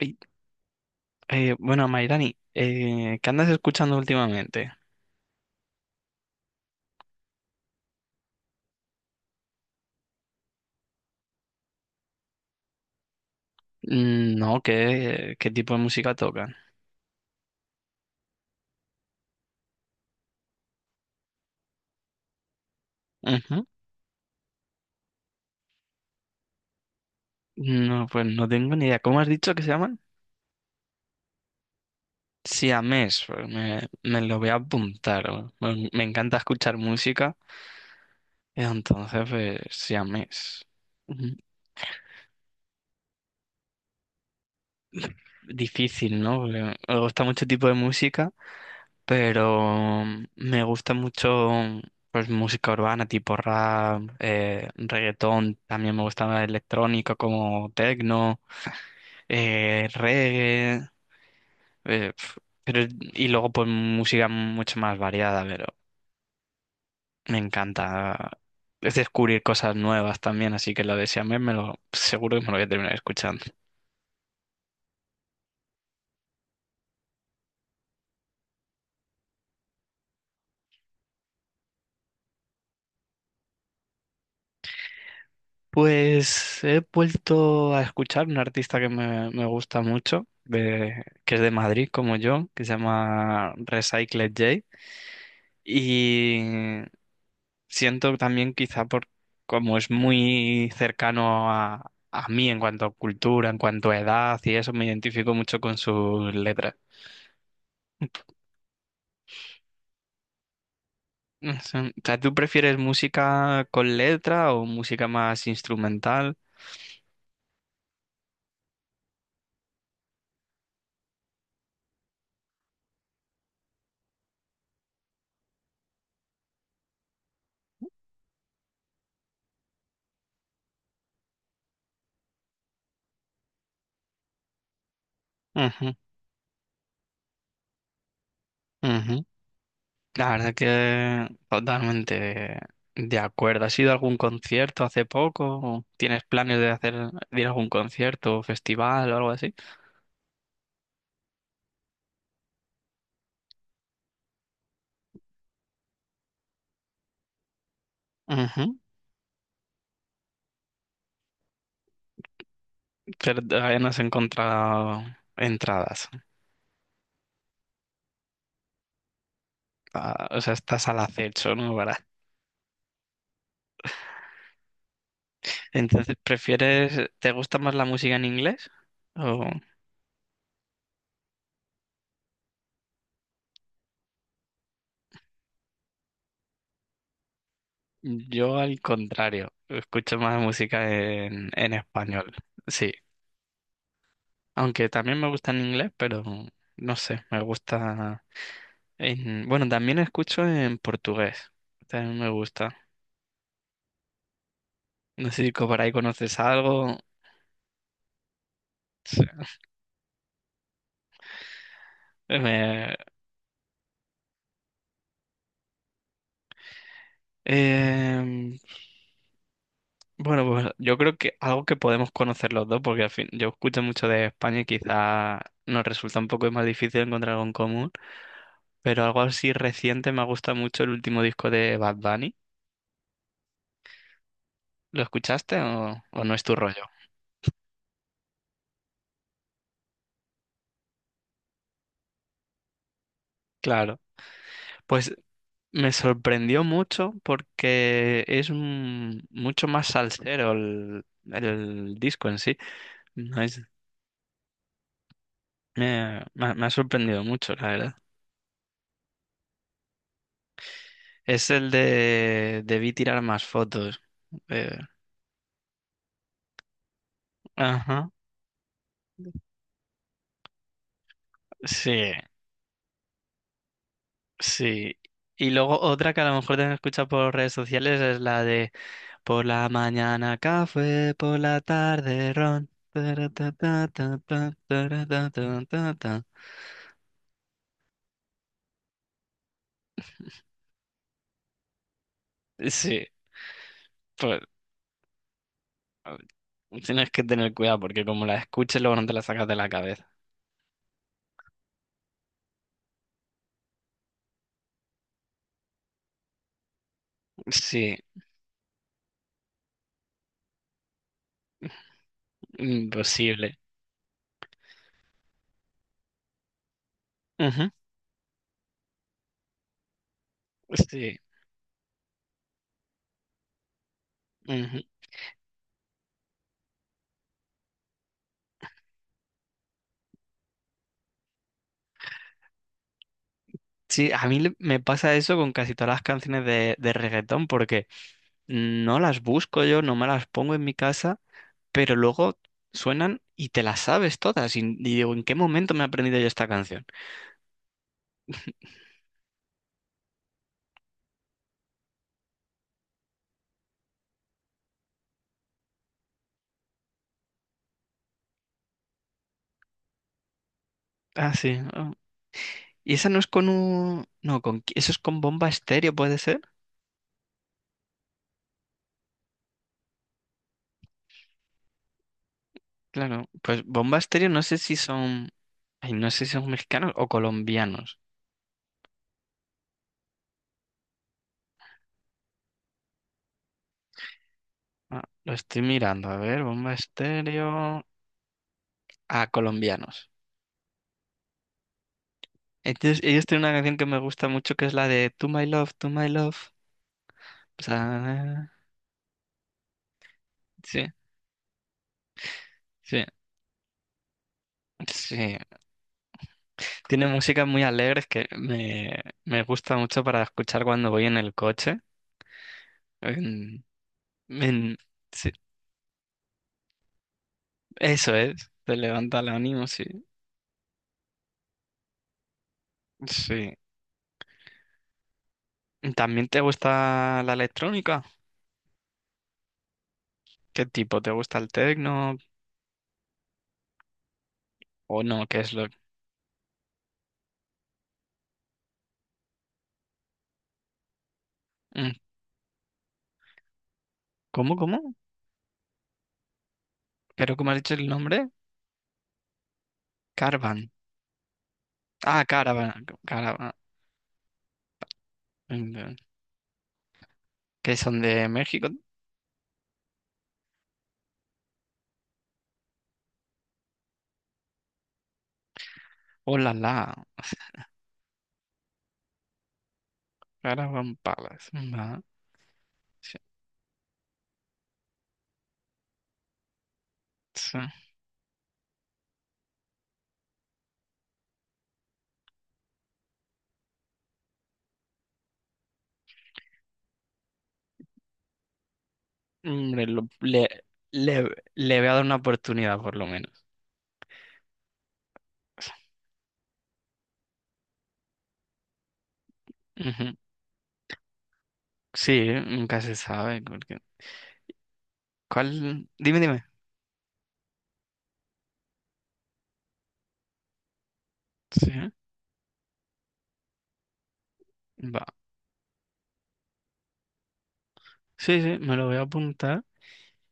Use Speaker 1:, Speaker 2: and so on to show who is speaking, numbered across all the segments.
Speaker 1: Y, bueno, Mairani, ¿qué andas escuchando últimamente? Mm, no, ¿qué tipo de música tocan? Ujú. No, pues no tengo ni idea. ¿Cómo has dicho que se llaman? Siamés, pues me lo voy a apuntar. Me encanta escuchar música, entonces pues siamés. Ujú. Difícil, ¿no? Porque me gusta mucho tipo de música, pero me gusta mucho pues música urbana tipo rap, reggaetón, también me gusta la electrónica como techno, reggae, eh, pf, pero, y luego pues música mucho más variada, pero me encanta es descubrir cosas nuevas también, así que lo de Siamés me lo seguro que me lo voy a terminar escuchando. Pues he vuelto a escuchar un artista que me gusta mucho, que es de Madrid como yo, que se llama Recycled J. Y siento también quizá por como es muy cercano a mí en cuanto a cultura, en cuanto a edad y eso, me identifico mucho con sus letras. No sé, o sea, ¿tú prefieres música con letra o música más instrumental? Ujú, ujú. La verdad que totalmente de acuerdo. ¿Has ido a algún concierto hace poco? ¿O tienes planes de hacer de ir a algún concierto o festival o algo así? Ujú. Pero todavía no has encontrado entradas. Ah, o sea, estás al acecho, ¿no? Para... Entonces, ¿prefieres, te gusta más la música en inglés? O yo al contrario, escucho más música en español. Sí, aunque también me gusta en inglés, pero no sé, me gusta. Bueno, también escucho en portugués. También me gusta. No sé si por ahí conoces algo. Sí. Me- em, bueno, pues yo creo que algo que podemos conocer los dos, porque al fin yo escucho mucho de España y quizá nos resulta un poco más difícil encontrar algo en común, pero algo así reciente me gusta mucho el último disco de Bad Bunny. ¿Lo escuchaste o no es tu rollo? Claro. Pues me sorprendió mucho porque es mucho más salsero el disco en sí. No es, me ha sorprendido mucho, la verdad. Es el de Debí tirar más fotos. Eh, ajá, sí, sí. Y luego otra que a lo mejor te han escuchado por redes sociales es la de "Por la mañana café, por la tarde ron. Taratatatata, taratatatata". Sí, pues. Tienes que tener cuidado porque como la escuches luego no te la sacas de la cabeza. Sí, imposible. Ujú, sí, ujú. Sí, a mí me pasa eso con casi todas las canciones de reggaetón porque no las busco yo, no me las pongo en mi casa, pero luego suenan y te las sabes todas. Y digo, ¿en qué momento me he aprendido yo esta canción? Ah, sí, ah. Y esa no es con un... No, con... ¿Eso es con Bomba Estéreo, puede ser? Claro, pues Bomba Estéreo no sé si son, ay, no sé si son mexicanos o colombianos. Ah, lo estoy mirando, a ver, Bomba Estéreo, ah, colombianos. Entonces, ellos tienen una canción que me gusta mucho que es la de To My Love, To My Love. O sea, sí, sí, sí. Tiene músicas muy alegres que me gusta mucho para escuchar cuando voy en el coche. En- en- sí, eso es, te levanta el ánimo, sí, sí. ¿También te gusta la electrónica? ¿Qué tipo? ¿Te gusta el techno o no? ¿Qué es lo...? Mm, ¿cómo, cómo? Creo que me has dicho el nombre. Caravan. Ah, Caravan. Caravan. Mm, ¿que son de México? Hola, la, la. Caravan Palace. Va, sí, sí. Hombre, le, le voy a dar una oportunidad por lo menos. Ujú. Sí, nunca se sabe, ¿cuál? Dime, dime. Sí, va. Sí, sí, me lo voy a apuntar.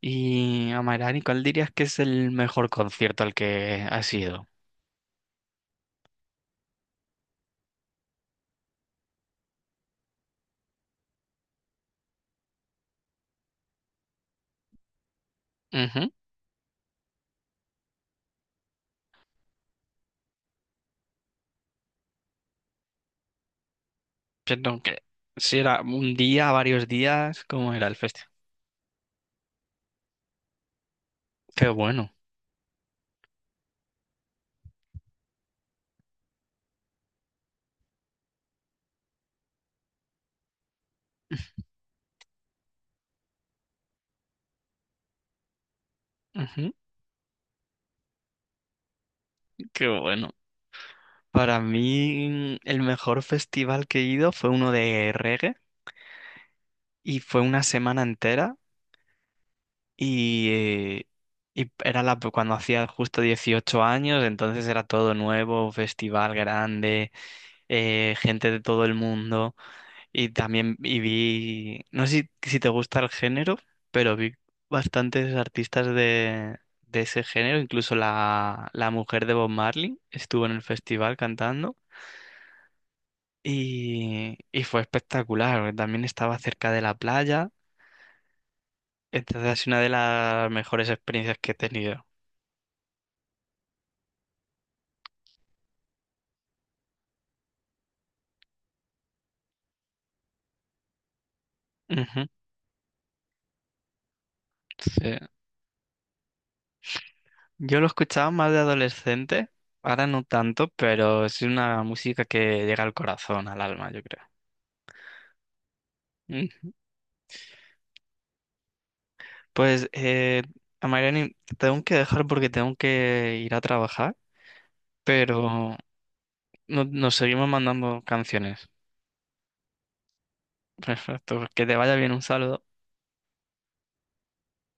Speaker 1: Y Amairani, ¿cuál dirías que es el mejor concierto al que has ido? Ujú. Siento que si era un día, varios días, ¿cómo era el festival? Qué bueno. Ujú, qué bueno. Para mí, el mejor festival que he ido fue uno de reggae y fue una semana entera y, eh, y era cuando hacía justo 18 años, entonces era todo nuevo, festival grande, gente de todo el mundo. Y también y vi, no sé si te gusta el género, pero vi bastantes artistas de ese género, incluso la mujer de Bob Marley estuvo en el festival cantando y fue espectacular, porque también estaba cerca de la playa, entonces es una de las mejores experiencias que he tenido. Ujú, sí. Yo lo escuchaba más de adolescente, ahora no tanto, pero es una música que llega al corazón, al alma, yo creo. Pues, a Mariani, te tengo que dejar porque tengo que ir a trabajar, pero nos seguimos mandando canciones. Perfecto, que te vaya bien, un saludo.